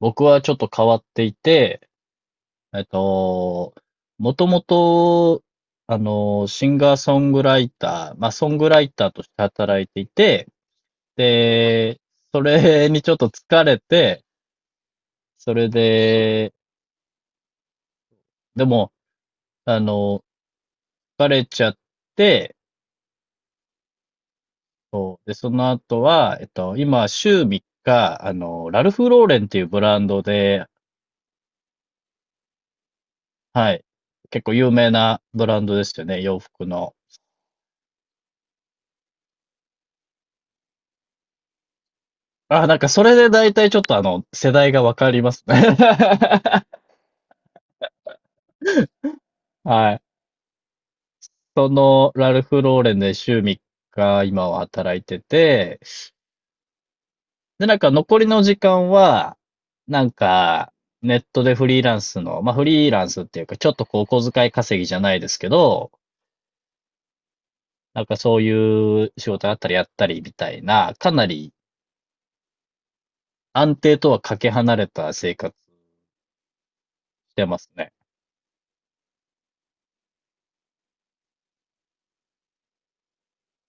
僕はちょっと変わっていて、えっと、もともと、シンガーソングライター、まあ、ソングライターとして働いていて、で、それにちょっと疲れて、それで、でも、あの、疲れちゃって、そうで、その後は、今、週3日、ラルフ・ローレンっていうブランドで、はい、結構有名なブランドですよね、洋服の。あ、なんかそれで大体ちょっと世代がわかりますね。はい。その、ラルフローレンで週3日今は働いてて、で、なんか残りの時間は、なんか、ネットでフリーランスの、まあフリーランスっていうか、ちょっとこう、お小遣い稼ぎじゃないですけど、なんかそういう仕事あったりやったりみたいな、かなり安定とはかけ離れた生活してますね。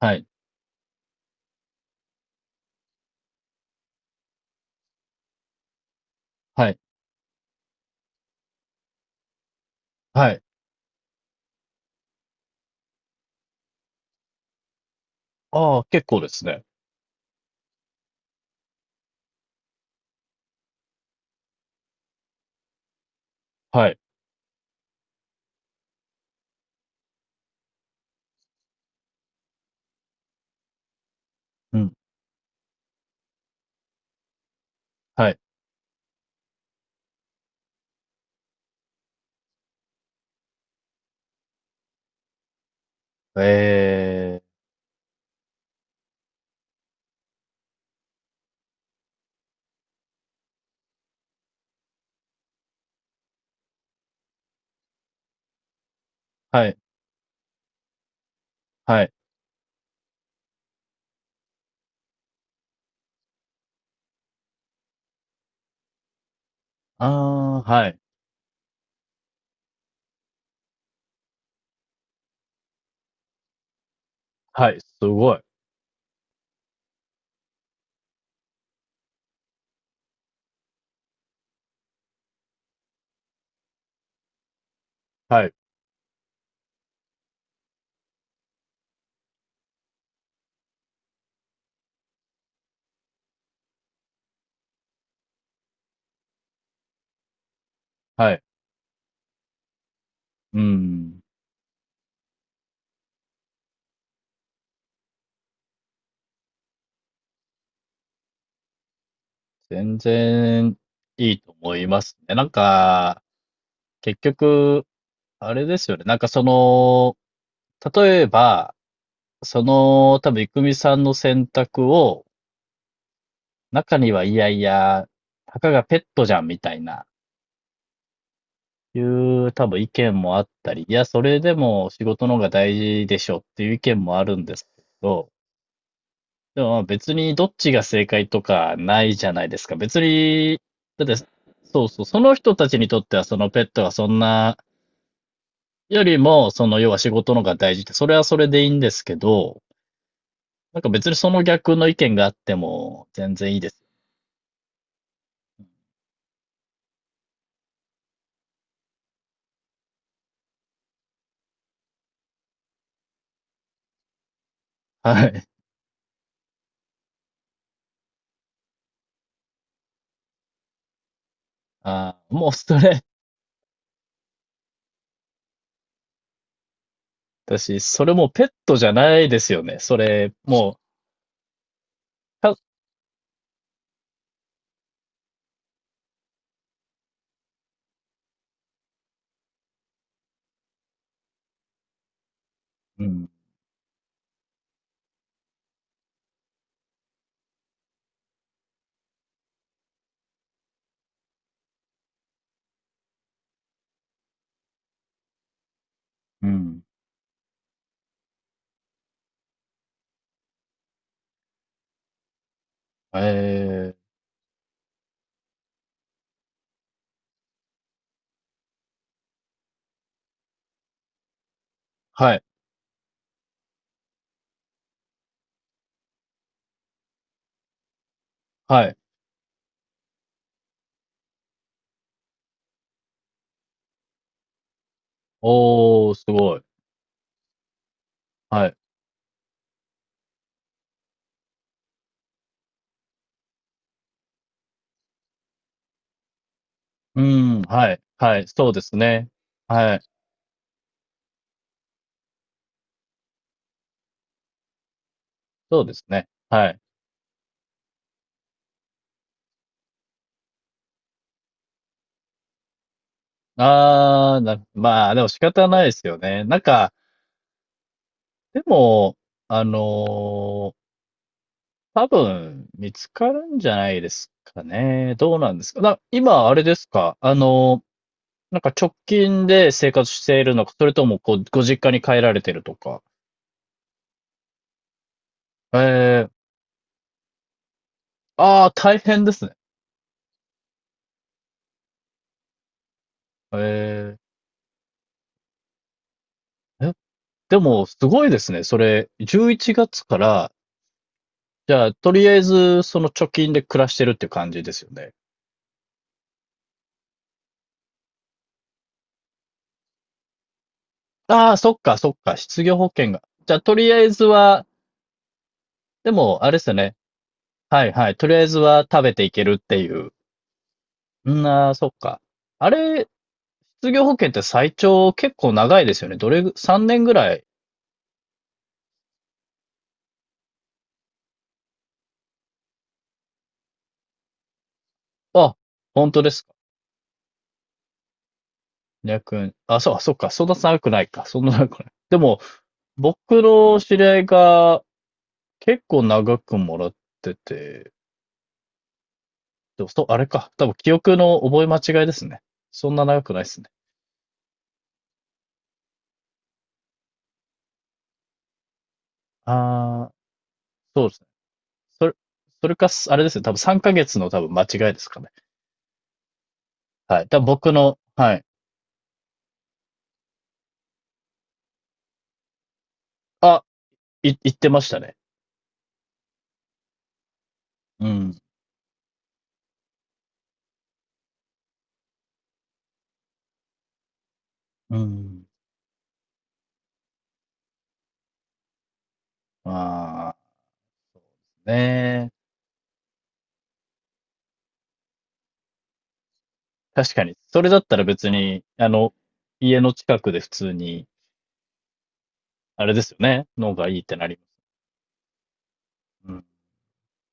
はい。はい。はい。ああ、結構ですね。はい。うん。はい。ええ、はい、はい。ああ、はい、はい、すごい。はい、はい。うん。全然いいと思いますね。なんか、結局、あれですよね。なんかその、例えば、その、多分、いくみさんの選択を、中にはいやいや、たかがペットじゃんみたいな、いう多分意見もあったり、いや、それでも仕事の方が大事でしょっていう意見もあるんですけど、でもまあ別にどっちが正解とかないじゃないですか。別に、だって、そうそう、その人たちにとってはそのペットがそんな、よりも、その要は仕事の方が大事って、それはそれでいいんですけど、なんか別にその逆の意見があっても全然いいです。はい。あー、もうそれ、私、それもうペットじゃないですよね。それ、もう、かうん、うん。えーはい、はい。おー、すごい。はい。うん、はい、はい、そうですね。はい。そうですね。はい。ああ、な、まあ、でも仕方ないですよね。なんか、でも、あのー多分見つかるんじゃないですかね。どうなんですか。な、今、あれですか。なんか直近で生活しているのか、それともこう、ご実家に帰られてるとか。ええ、ああ、大変ですね。え、ええ、でも、すごいですね。それ、11月から、じゃあ、とりあえず、その貯金で暮らしてるって感じですよね。ああ、そっか、そっか。失業保険が。じゃあ、とりあえずは、でも、あれですよね。はい、はい。とりあえずは食べていけるっていう。うん、ああ、そっか。あれ、失業保険って最長結構長いですよね。どれぐ、3年ぐらい。あ、本当ですか。200円。あ、そう、そっか。そんな長くないか。そんな長くない。でも、僕の知り合いが結構長くもらってて、でもそう、あれか。多分記憶の覚え間違いですね。そんな長くないですね。ああ、そうです。それ、それかあれですね、多分3ヶ月の多分間違いですかね。はい。多分僕の、はい。あ、い、言ってましたね。うん。うん。まあ、ね、確かに。それだったら別に、家の近くで普通に、あれですよね。のがいいってなります。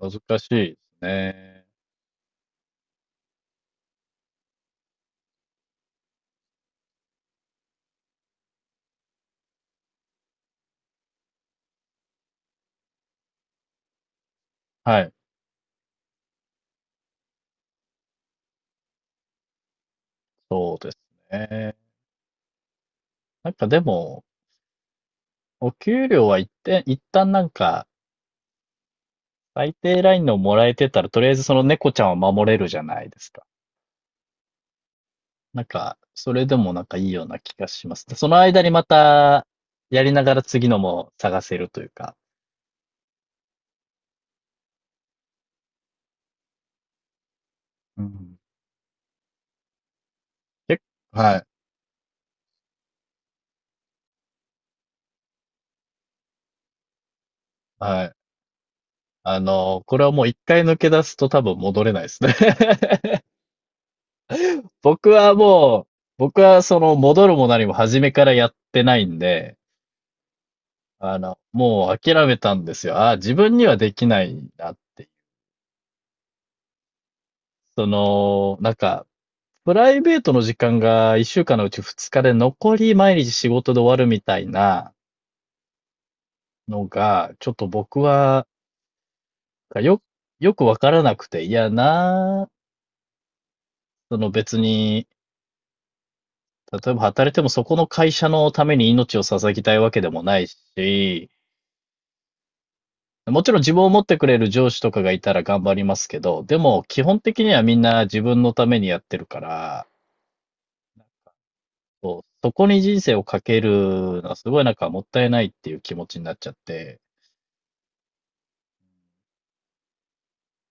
うん。難しいですね。はい。そうですね。なんかでも、お給料は一定、一旦なんか、最低ラインのもらえてたら、とりあえずその猫ちゃんを守れるじゃないですか。なんか、それでもなんかいいような気がします。その間にまた、やりながら次のも探せるというか。うん。結構はい、はい。あの、これはもう一回抜け出すと多分戻れないですね。僕はもう、僕はその戻るも何も初めからやってないんで、あの、もう諦めたんですよ。ああ、自分にはできないなって。その、なんか、プライベートの時間が一週間のうち二日で残り毎日仕事で終わるみたいな、のが、ちょっと僕は、よ、よくわからなくて、いやな、その別に、例えば働いてもそこの会社のために命を捧ぎたいわけでもないし、もちろん自分を持ってくれる上司とかがいたら頑張りますけど、でも基本的にはみんな自分のためにやってるから、そう、そこに人生をかけるのはすごいなんかもったいないっていう気持ちになっちゃって、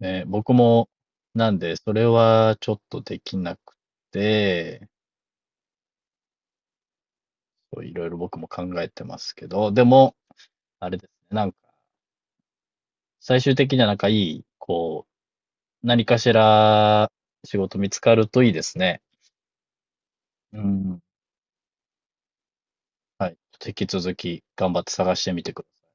ね、僕もなんでそれはちょっとできなくて、こういろいろ僕も考えてますけど、でも、あれですね、なんか、最終的にはなんかいい、こう、何かしら仕事見つかるといいですね。うん。はい。引き続き頑張って探してみてください。